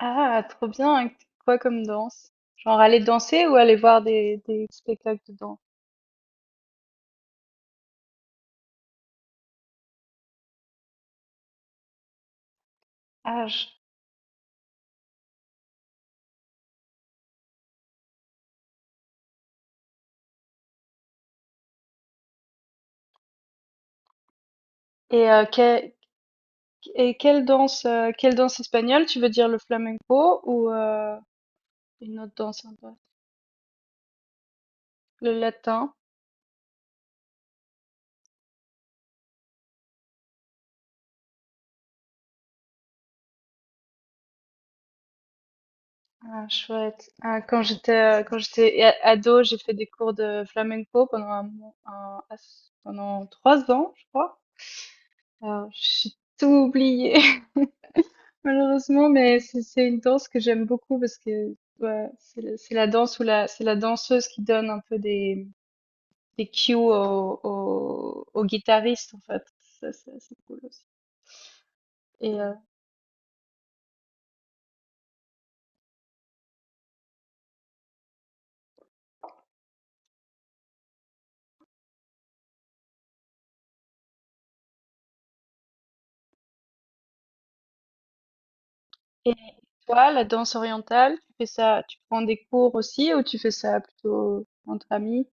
Ah, trop bien! Quoi comme danse? Genre aller danser ou aller voir des spectacles de danse? Ah, je- et, euh, que- et quelle danse espagnole? Tu veux dire le flamenco ou une autre danse un peu? Le latin? Ah, chouette. Ah, quand j'étais ado, j'ai fait des cours de flamenco pendant un, mo- un- pendant 3 ans, je crois. Alors, j'ai tout oublié. Malheureusement, mais c'est une danse que j'aime beaucoup parce que ouais, c'est la danse où la c'est la danseuse qui donne un peu des cues au guitariste en fait. Ça, c'est cool aussi. Et euh, et toi, la danse orientale, tu fais ça, tu prends des cours aussi ou tu fais ça plutôt entre amis?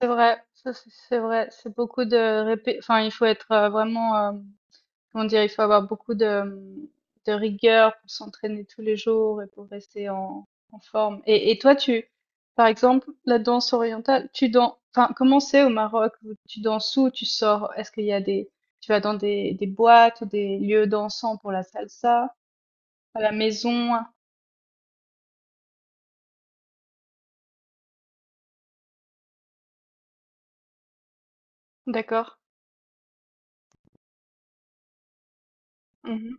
C'est vrai, ça, c'est vrai, c'est beaucoup de enfin il faut être vraiment. Comment dire? Il faut avoir beaucoup de rigueur pour s'entraîner tous les jours et pour rester en, en forme. Et toi, tu, par exemple, la danse orientale, tu danses, enfin, comment c'est au Maroc? Tu danses où? Tu sors? Est-ce qu'il y a tu vas dans des boîtes ou des lieux dansants pour la salsa? À la maison? D'accord. Mhm,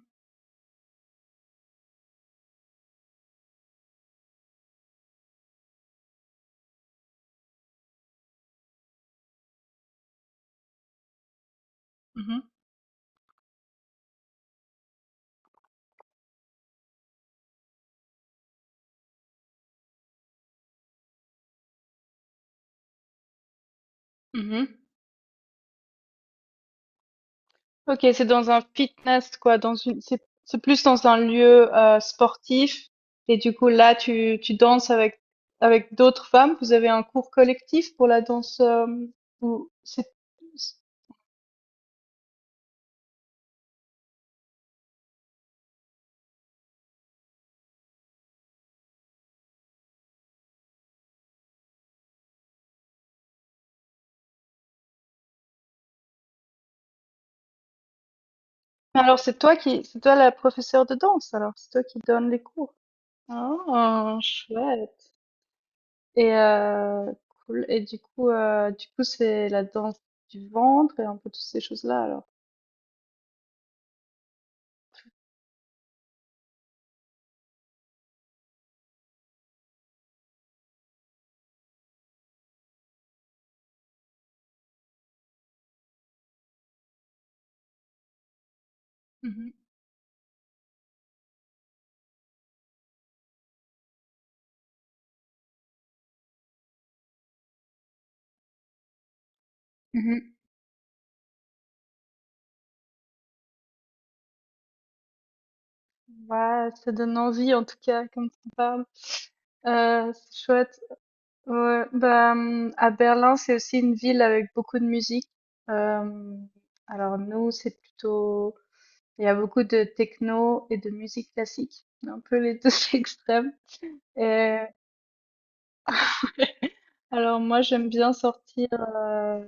mhm, mhm. OK, c'est dans un fitness quoi, dans une c'est plus dans un lieu, sportif, et du coup là tu danses avec d'autres femmes? Vous avez un cours collectif pour la danse, ou c'est c alors, c'est toi qui c'est toi la professeure de danse alors? C'est toi qui donne les cours? Ah, chouette. Et cool. Et du coup, c'est la danse du ventre et un peu toutes ces choses-là alors? Mmh. Mmh. Ouais, ça donne envie en tout cas, comme tu parles. C'est chouette. Ouais, bah, à Berlin, c'est aussi une ville avec beaucoup de musique. Euh, alors nous, c'est plutôt... Il y a beaucoup de techno et de musique classique, un peu les deux extrêmes. Et alors moi, j'aime bien sortir. euh,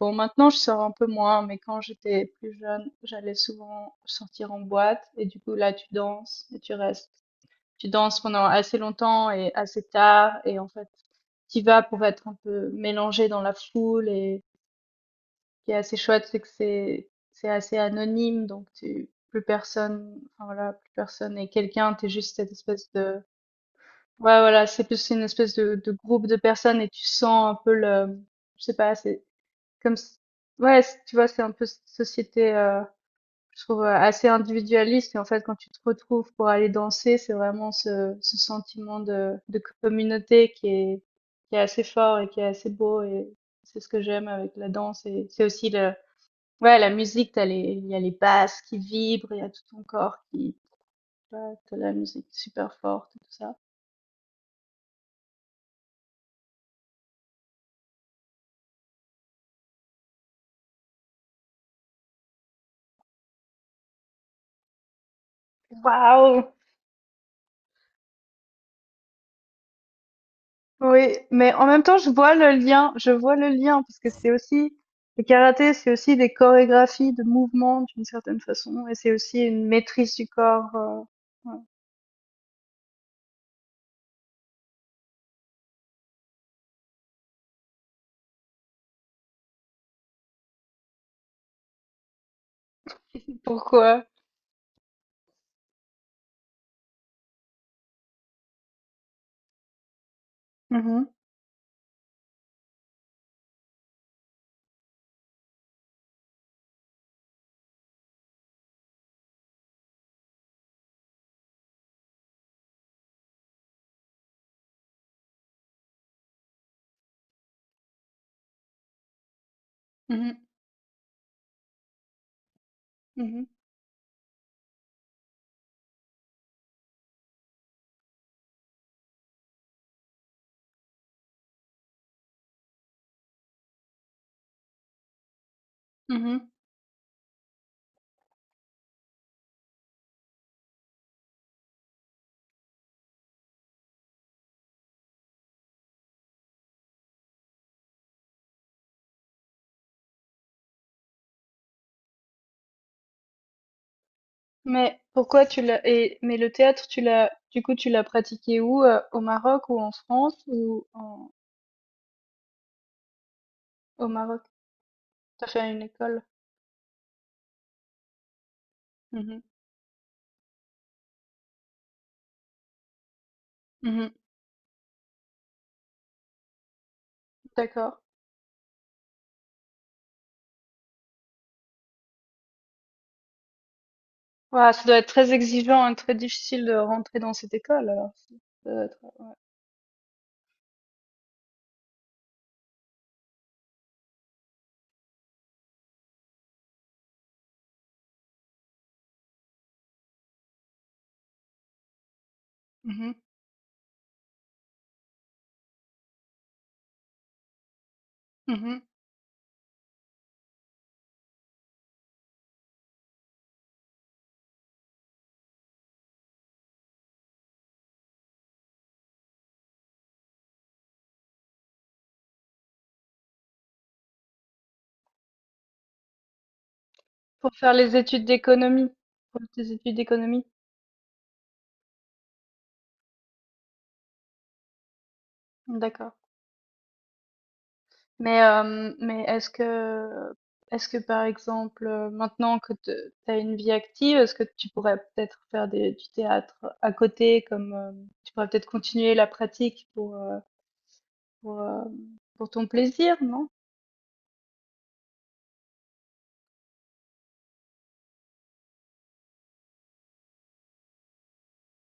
Bon, maintenant, je sors un peu moins, mais quand j'étais plus jeune, j'allais souvent sortir en boîte. Et du coup, là, tu danses et tu restes. Tu danses pendant assez longtemps et assez tard, et en fait tu vas pour être un peu mélangé dans la foule. Et ce qui est assez chouette, c'est que c'est assez anonyme, donc tu plus personne, enfin, voilà, plus personne, et quelqu'un t'es juste cette espèce de, ouais, voilà, c'est plus une espèce de groupe de personnes, et tu sens un peu le, je sais pas, c'est comme si- ouais, tu vois, c'est un peu cette société, je trouve, assez individualiste. Et en fait, quand tu te retrouves pour aller danser, c'est vraiment ce sentiment de communauté qui est assez fort et qui est assez beau. Et c'est ce que j'aime avec la danse. Et c'est aussi ouais, la musique, il y a les basses qui vibrent, il y a tout ton corps qui, ouais, t'as la musique super forte, et tout ça. Waouh! Oui, mais en même temps, je vois le lien, je vois le lien, parce que c'est aussi, le karaté, c'est aussi des chorégraphies de mouvements d'une certaine façon, et c'est aussi une maîtrise du corps. Ouais. Pourquoi? Mhm, mhm, mhm, mhm. Mais, pourquoi tu l'as, et, mais le théâtre, tu l'as, du coup, tu l'as pratiqué où? Au Maroc ou en France ou en, au Maroc? T'as fait une école? Mhm, mhm, d'accord. Ouah, ça doit être très exigeant et très difficile de rentrer dans cette école, alors. Ça doit être- ouais. Mmh, mh. Mmh. Pour faire les études d'économie? Pour tes études d'économie? D'accord. Mais, hem, mais est-ce que par exemple, maintenant que te tu as une vie active, est-ce que tu pourrais peut-être faire des du théâtre à côté, comme, tu pourrais peut-être continuer la pratique pour, pour ton plaisir, non?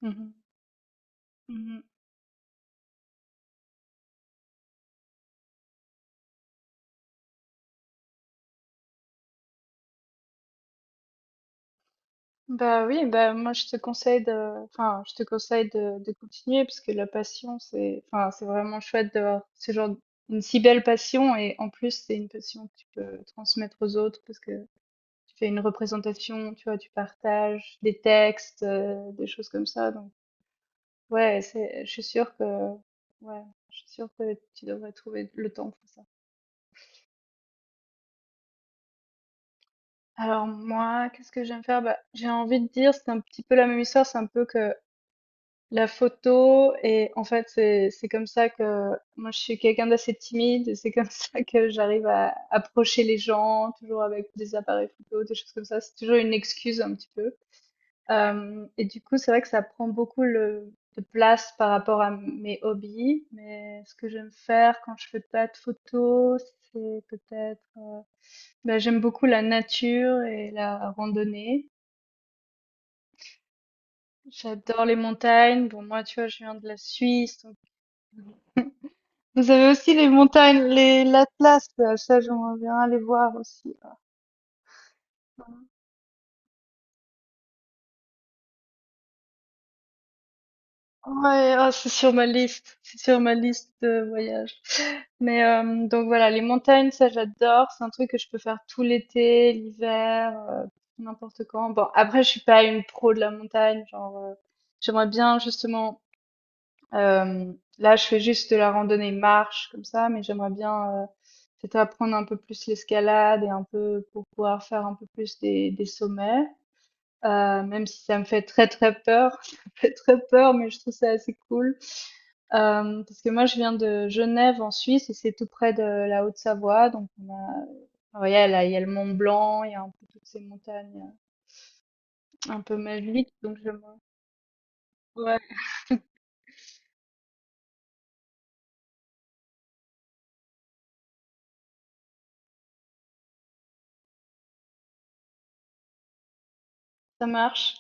Mmh. Mmh. Bah oui, bah moi je te conseille de, enfin je te conseille de continuer, parce que la passion c'est, enfin c'est vraiment chouette d'avoir ce genre, une si belle passion, et en plus c'est une passion que tu peux transmettre aux autres, parce que tu fais une représentation, tu vois, tu partages des textes, des choses comme ça. Donc ouais, c'est, je suis sûre que, ouais, je suis sûre que tu devrais trouver le temps pour ça. Alors moi, qu'est-ce que j'aime faire? Bah j'ai envie de dire c'est un petit peu la même histoire, c'est un peu que la photo, et en fait c'est comme ça que moi je suis quelqu'un d'assez timide, et c'est comme ça que j'arrive à approcher les gens toujours avec des appareils photo, des choses comme ça, c'est toujours une excuse un petit peu. Et du coup c'est vrai que ça prend beaucoup de place par rapport à mes hobbies, mais ce que j'aime faire quand je fais pas de photos, c'est peut-être ben, j'aime beaucoup la nature et la randonnée. J'adore les montagnes. Bon, moi, tu vois, je viens de la Suisse. Vous avez aussi les montagnes, les l'Atlas, là, ça j'aimerais bien aller voir aussi. Ouais, ah, c'est sur ma liste, c'est sur ma liste de voyage. Mais donc voilà, les montagnes, ça j'adore, c'est un truc que je peux faire tout l'été, l'hiver, n'importe quand. Bon, après je suis pas une pro de la montagne, genre j'aimerais bien justement, euh, là je fais juste de la randonnée marche comme ça, mais j'aimerais bien peut-être apprendre un peu plus l'escalade, et un peu pour pouvoir faire un peu plus des sommets. Même si ça me fait très, très peur, ça me fait très peur, mais je trouve ça assez cool. Parce que moi je viens de Genève en Suisse, et c'est tout près de la Haute-Savoie, donc on a, enfin voilà, là, il y a le Mont Blanc, il y a un peu toutes ces montagnes, un peu magiques, donc je me ouais, ça marche.